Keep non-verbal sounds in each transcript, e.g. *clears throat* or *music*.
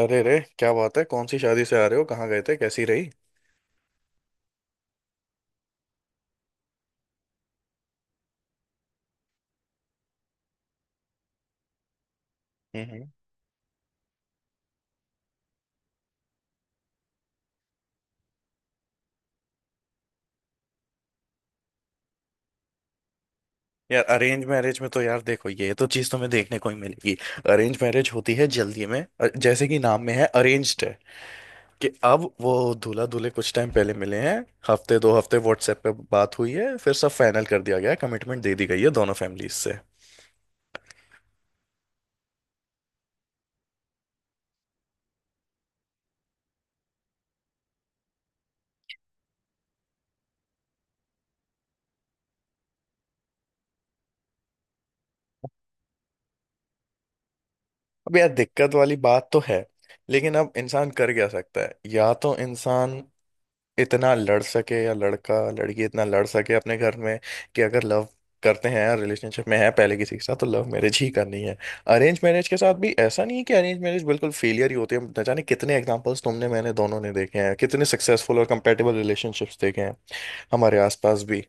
अरे रे, क्या बात है? कौन सी शादी से आ रहे हो? कहाँ गए थे? कैसी रही? हम्म। यार, अरेंज मैरिज में तो यार देखो, ये तो चीज तुम्हें देखने को ही मिलेगी। अरेंज मैरिज होती है जल्दी में, जैसे कि नाम में है अरेंज्ड है। कि अब वो दूल्हा दूल्हे कुछ टाइम पहले मिले हैं। हफ्ते 2 हफ्ते व्हाट्सएप पे बात हुई है, फिर सब फाइनल कर दिया गया है, कमिटमेंट दे दी गई है दोनों फैमिलीज से। अब यार दिक्कत वाली बात तो है। लेकिन अब इंसान कर क्या सकता है? या तो इंसान इतना लड़ सके, या लड़का लड़की इतना लड़ सके अपने घर में कि अगर लव करते हैं या रिलेशनशिप में है पहले किसी के साथ, तो लव मैरिज ही करनी है। अरेंज मैरिज के साथ भी ऐसा नहीं है कि अरेंज मैरिज बिल्कुल फेलियर ही होती है। न जाने कितने एग्जांपल्स तुमने मैंने दोनों ने देखे हैं, कितने सक्सेसफुल और कंपेटेबल रिलेशनशिप्स देखे हैं हमारे आसपास भी।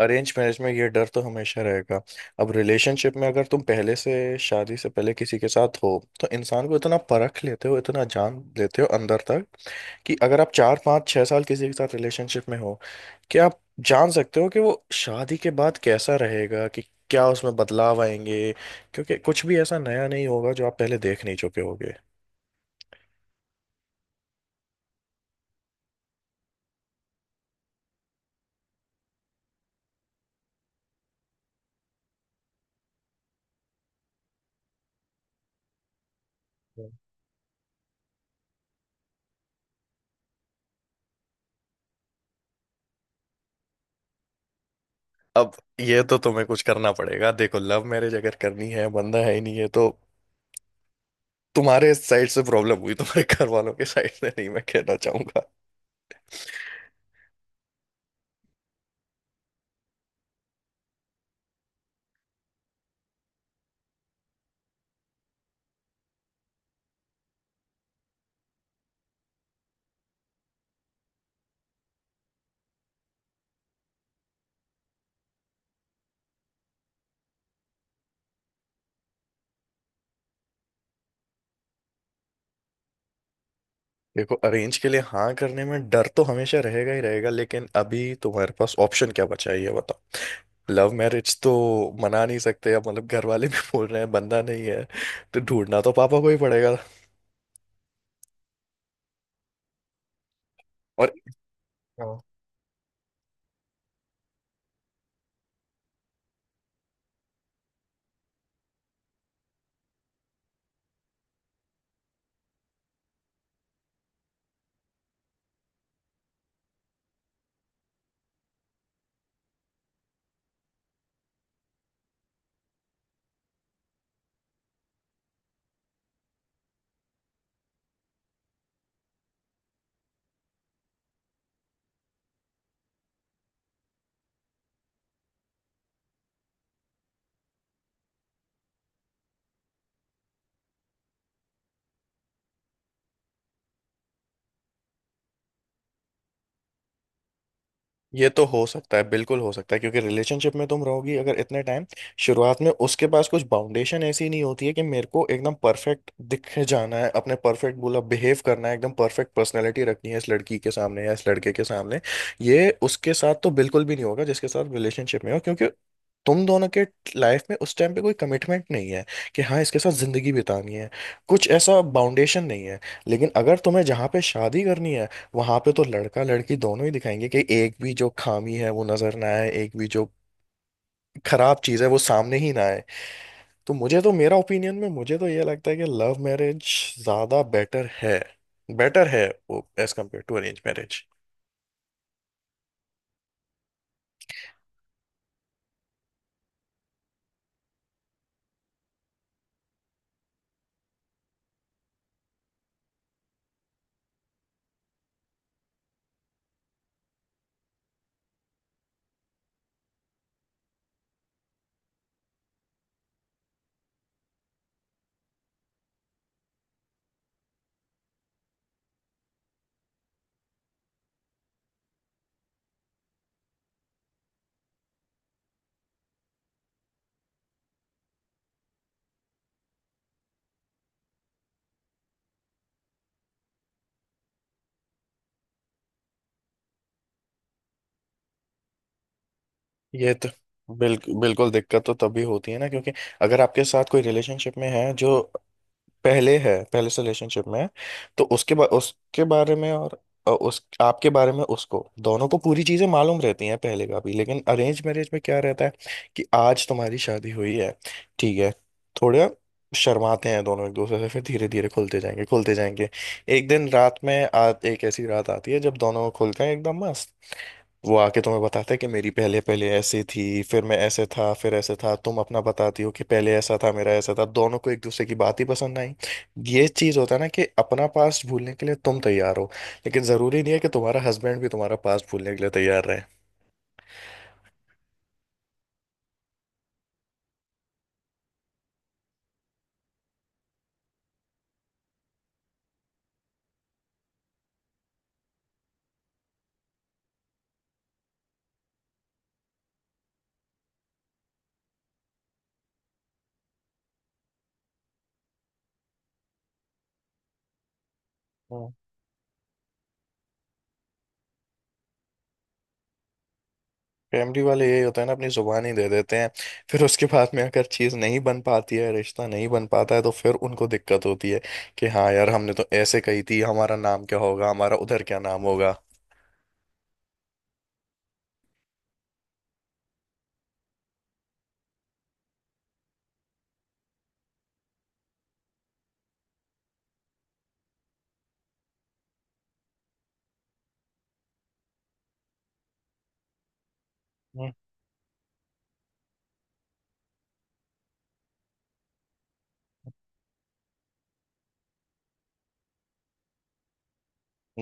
अरेंज मैरिज में ये डर तो हमेशा रहेगा। अब रिलेशनशिप में अगर तुम पहले से, शादी से पहले किसी के साथ हो, तो इंसान को इतना परख लेते हो, इतना जान लेते हो अंदर तक। कि अगर आप 4-5-6 साल किसी के साथ रिलेशनशिप में हो, क्या आप जान सकते हो कि वो शादी के बाद कैसा रहेगा? कि क्या उसमें बदलाव आएंगे? क्योंकि कुछ भी ऐसा नया नहीं होगा जो आप पहले देख नहीं चुके होगे। हम्म। अब ये तो तुम्हें कुछ करना पड़ेगा। देखो, लव मैरिज अगर करनी है, बंदा है ही नहीं है तो तुम्हारे साइड से प्रॉब्लम हुई, तुम्हारे घर वालों के साइड से नहीं, मैं कहना चाहूंगा। देखो, अरेंज के लिए हाँ करने में डर तो हमेशा रहेगा ही रहेगा, लेकिन अभी तुम्हारे पास ऑप्शन क्या बचा है, ये बताओ। लव मैरिज तो मना नहीं सकते, अब मतलब घर वाले भी बोल रहे हैं बंदा नहीं है। तो ढूंढना तो पापा को ही पड़ेगा। और, हाँ। ये तो हो सकता है, बिल्कुल हो सकता है। क्योंकि रिलेशनशिप में तुम रहोगी अगर इतने टाइम, शुरुआत में उसके पास कुछ बाउंडेशन ऐसी नहीं होती है कि मेरे को एकदम परफेक्ट दिखे जाना है, अपने परफेक्ट बोला बिहेव करना है, एकदम परफेक्ट पर्सनैलिटी रखनी है इस लड़की के सामने या इस लड़के के सामने। ये उसके साथ तो बिल्कुल भी नहीं होगा जिसके साथ रिलेशनशिप में हो। क्योंकि तुम दोनों के लाइफ में उस टाइम पे कोई कमिटमेंट नहीं है कि हाँ, इसके साथ जिंदगी बितानी है। कुछ ऐसा बाउंडेशन नहीं है। लेकिन अगर तुम्हें जहाँ पे शादी करनी है, वहां पे तो लड़का लड़की दोनों ही दिखाएंगे कि एक भी जो खामी है वो नजर ना आए, एक भी जो खराब चीज है वो सामने ही ना आए। तो मुझे तो मेरा ओपिनियन में मुझे तो ये लगता है कि लव मैरिज ज्यादा बेटर है। बेटर है वो as compare to arrange marriage. ये तो बिल्कुल बिल्कुल दिक्कत तो तभी होती है ना, क्योंकि अगर आपके साथ कोई रिलेशनशिप में है जो पहले से रिलेशनशिप में है, तो उसके बारे में और उस आपके बारे में, उसको दोनों को पूरी चीजें मालूम रहती हैं पहले का भी। लेकिन अरेंज मैरिज में क्या रहता है कि आज तुम्हारी शादी हुई है, ठीक है, थोड़ा शर्माते हैं दोनों एक दूसरे से, फिर धीरे धीरे खुलते जाएंगे खुलते जाएंगे। एक दिन रात में आ, एक ऐसी रात आती है जब दोनों खुलते हैं एकदम मस्त। वो आके तुम्हें बताता है कि मेरी पहले पहले ऐसी थी, फिर मैं ऐसे था, फिर ऐसे था। तुम अपना बताती हो कि पहले ऐसा था, मेरा ऐसा था। दोनों को एक दूसरे की बात ही पसंद आई। ये चीज होता है ना कि अपना पास्ट भूलने के लिए तुम तैयार हो, लेकिन जरूरी नहीं है कि तुम्हारा हस्बैंड भी तुम्हारा पास्ट भूलने के लिए तैयार रहे। हाँ। फैमिली वाले यही होता है ना, अपनी जुबान ही दे देते हैं। फिर उसके बाद में अगर चीज नहीं बन पाती है, रिश्ता नहीं बन पाता है, तो फिर उनको दिक्कत होती है कि हाँ यार, हमने तो ऐसे कही थी, हमारा नाम क्या होगा, हमारा उधर क्या नाम होगा। हम्म।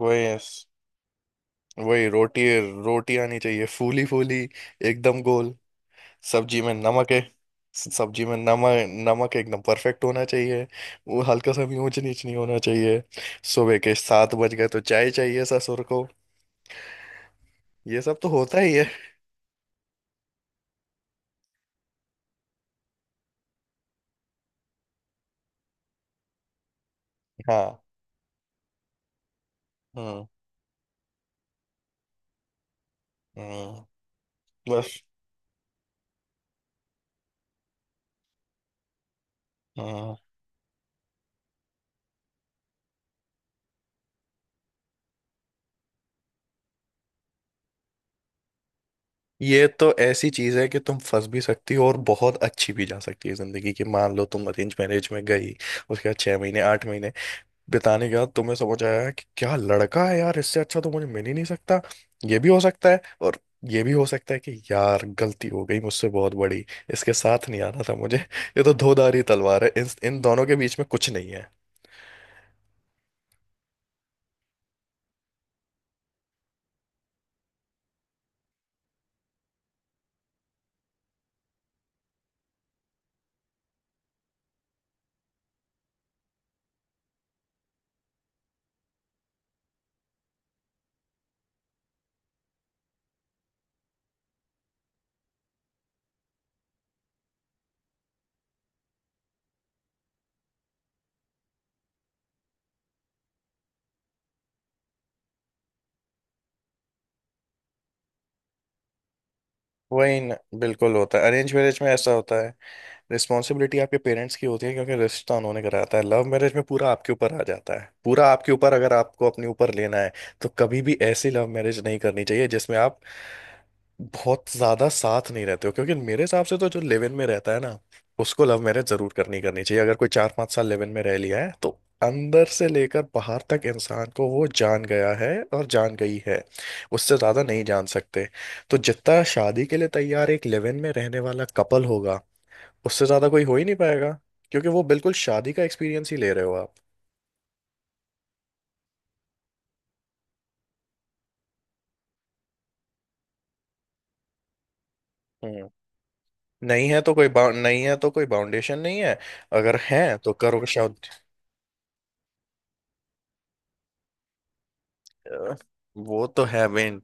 वही वही रोटी, रोटी आनी चाहिए फूली फूली, एकदम गोल। सब्जी में नमक है। सब्जी में नमक नमक एकदम परफेक्ट होना चाहिए। वो हल्का सा भी ऊंच नीच नहीं होना चाहिए। सुबह के 7 बज गए तो चाय चाहिए ससुर को। ये सब तो होता ही है। हाँ। हम्म। हम्म। बस। हम्म। ये तो ऐसी चीज है कि तुम फंस भी सकती हो, और बहुत अच्छी भी जा सकती है जिंदगी की। मान लो तुम अरेंज मैरिज में गई, उसके बाद 6-8 महीने बिताने के बाद तुम्हें समझ आया कि क्या लड़का है यार, इससे अच्छा तो मुझे मिल ही नहीं सकता, ये भी हो सकता है। और ये भी हो सकता है कि यार गलती हो गई मुझसे बहुत बड़ी, इसके साथ नहीं आना था मुझे। *laughs* ये तो धोधारी तलवार है, इन इन दोनों के बीच में कुछ नहीं है। वही न, बिल्कुल होता है, अरेंज मैरिज में ऐसा होता है। रिस्पॉन्सिबिलिटी आपके पेरेंट्स की होती है, क्योंकि रिश्ता उन्होंने कराता है। लव मैरिज में पूरा आपके ऊपर आ जाता है, पूरा आपके ऊपर। अगर आपको अपने ऊपर लेना है तो कभी भी ऐसी लव मैरिज नहीं करनी चाहिए जिसमें आप बहुत ज्यादा साथ नहीं रहते हो। क्योंकि मेरे हिसाब से तो जो लिव इन में रहता है ना, उसको लव मैरिज जरूर करनी करनी चाहिए। अगर कोई 4-5 साल लिव इन में रह लिया है, तो अंदर से लेकर बाहर तक इंसान को वो जान गया है और जान गई है। उससे ज्यादा नहीं जान सकते। तो जितना शादी के लिए तैयार एक लिव इन में रहने वाला कपल होगा, उससे ज्यादा कोई हो ही नहीं पाएगा। क्योंकि वो बिल्कुल शादी का एक्सपीरियंस ही ले रहे हो आप। हम्म। नहीं है तो कोई बाउ- नहीं है तो कोई बाउंडेशन नहीं है। अगर है तो करो शादी। अ, वो तो है मेन।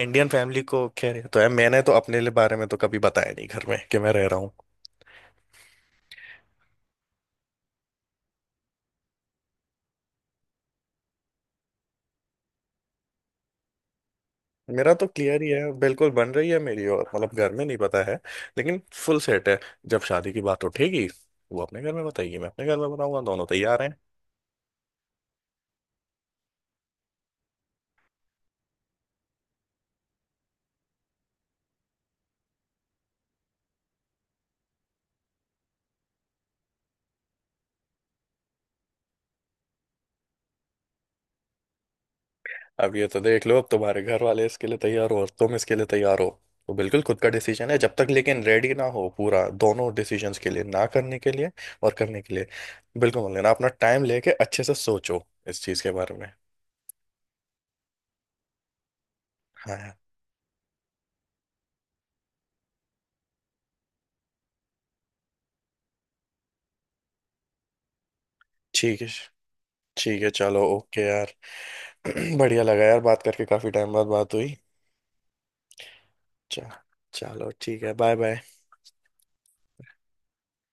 इंडियन फैमिली को खैर ये तो है, मैंने तो अपने लिए बारे में तो कभी बताया नहीं घर में कि मैं रह रहा हूँ। मेरा तो क्लियर ही है, बिल्कुल बन रही है मेरी। और मतलब घर में नहीं पता है, लेकिन फुल सेट है। जब शादी की बात उठेगी, वो अपने घर में बताएगी, मैं अपने घर में बताऊंगा, दोनों तैयार हैं। अब ये तो देख लो, अब तुम्हारे घर वाले इसके लिए तैयार हो और तुम इसके लिए तैयार हो, तो बिल्कुल खुद का डिसीजन है। जब तक लेकिन रेडी ना हो पूरा दोनों डिसीजंस के लिए, ना करने के लिए और करने के लिए, बिल्कुल मान लेना। अपना टाइम लेके अच्छे से सोचो इस चीज़ के बारे में। हाँ यार। ठीक है। ठीक है, चलो, ओके यार। *clears throat* बढ़िया लगा यार बात करके, काफ़ी टाइम बाद बात हुई। चा- चलो ठीक है, बाय बाय।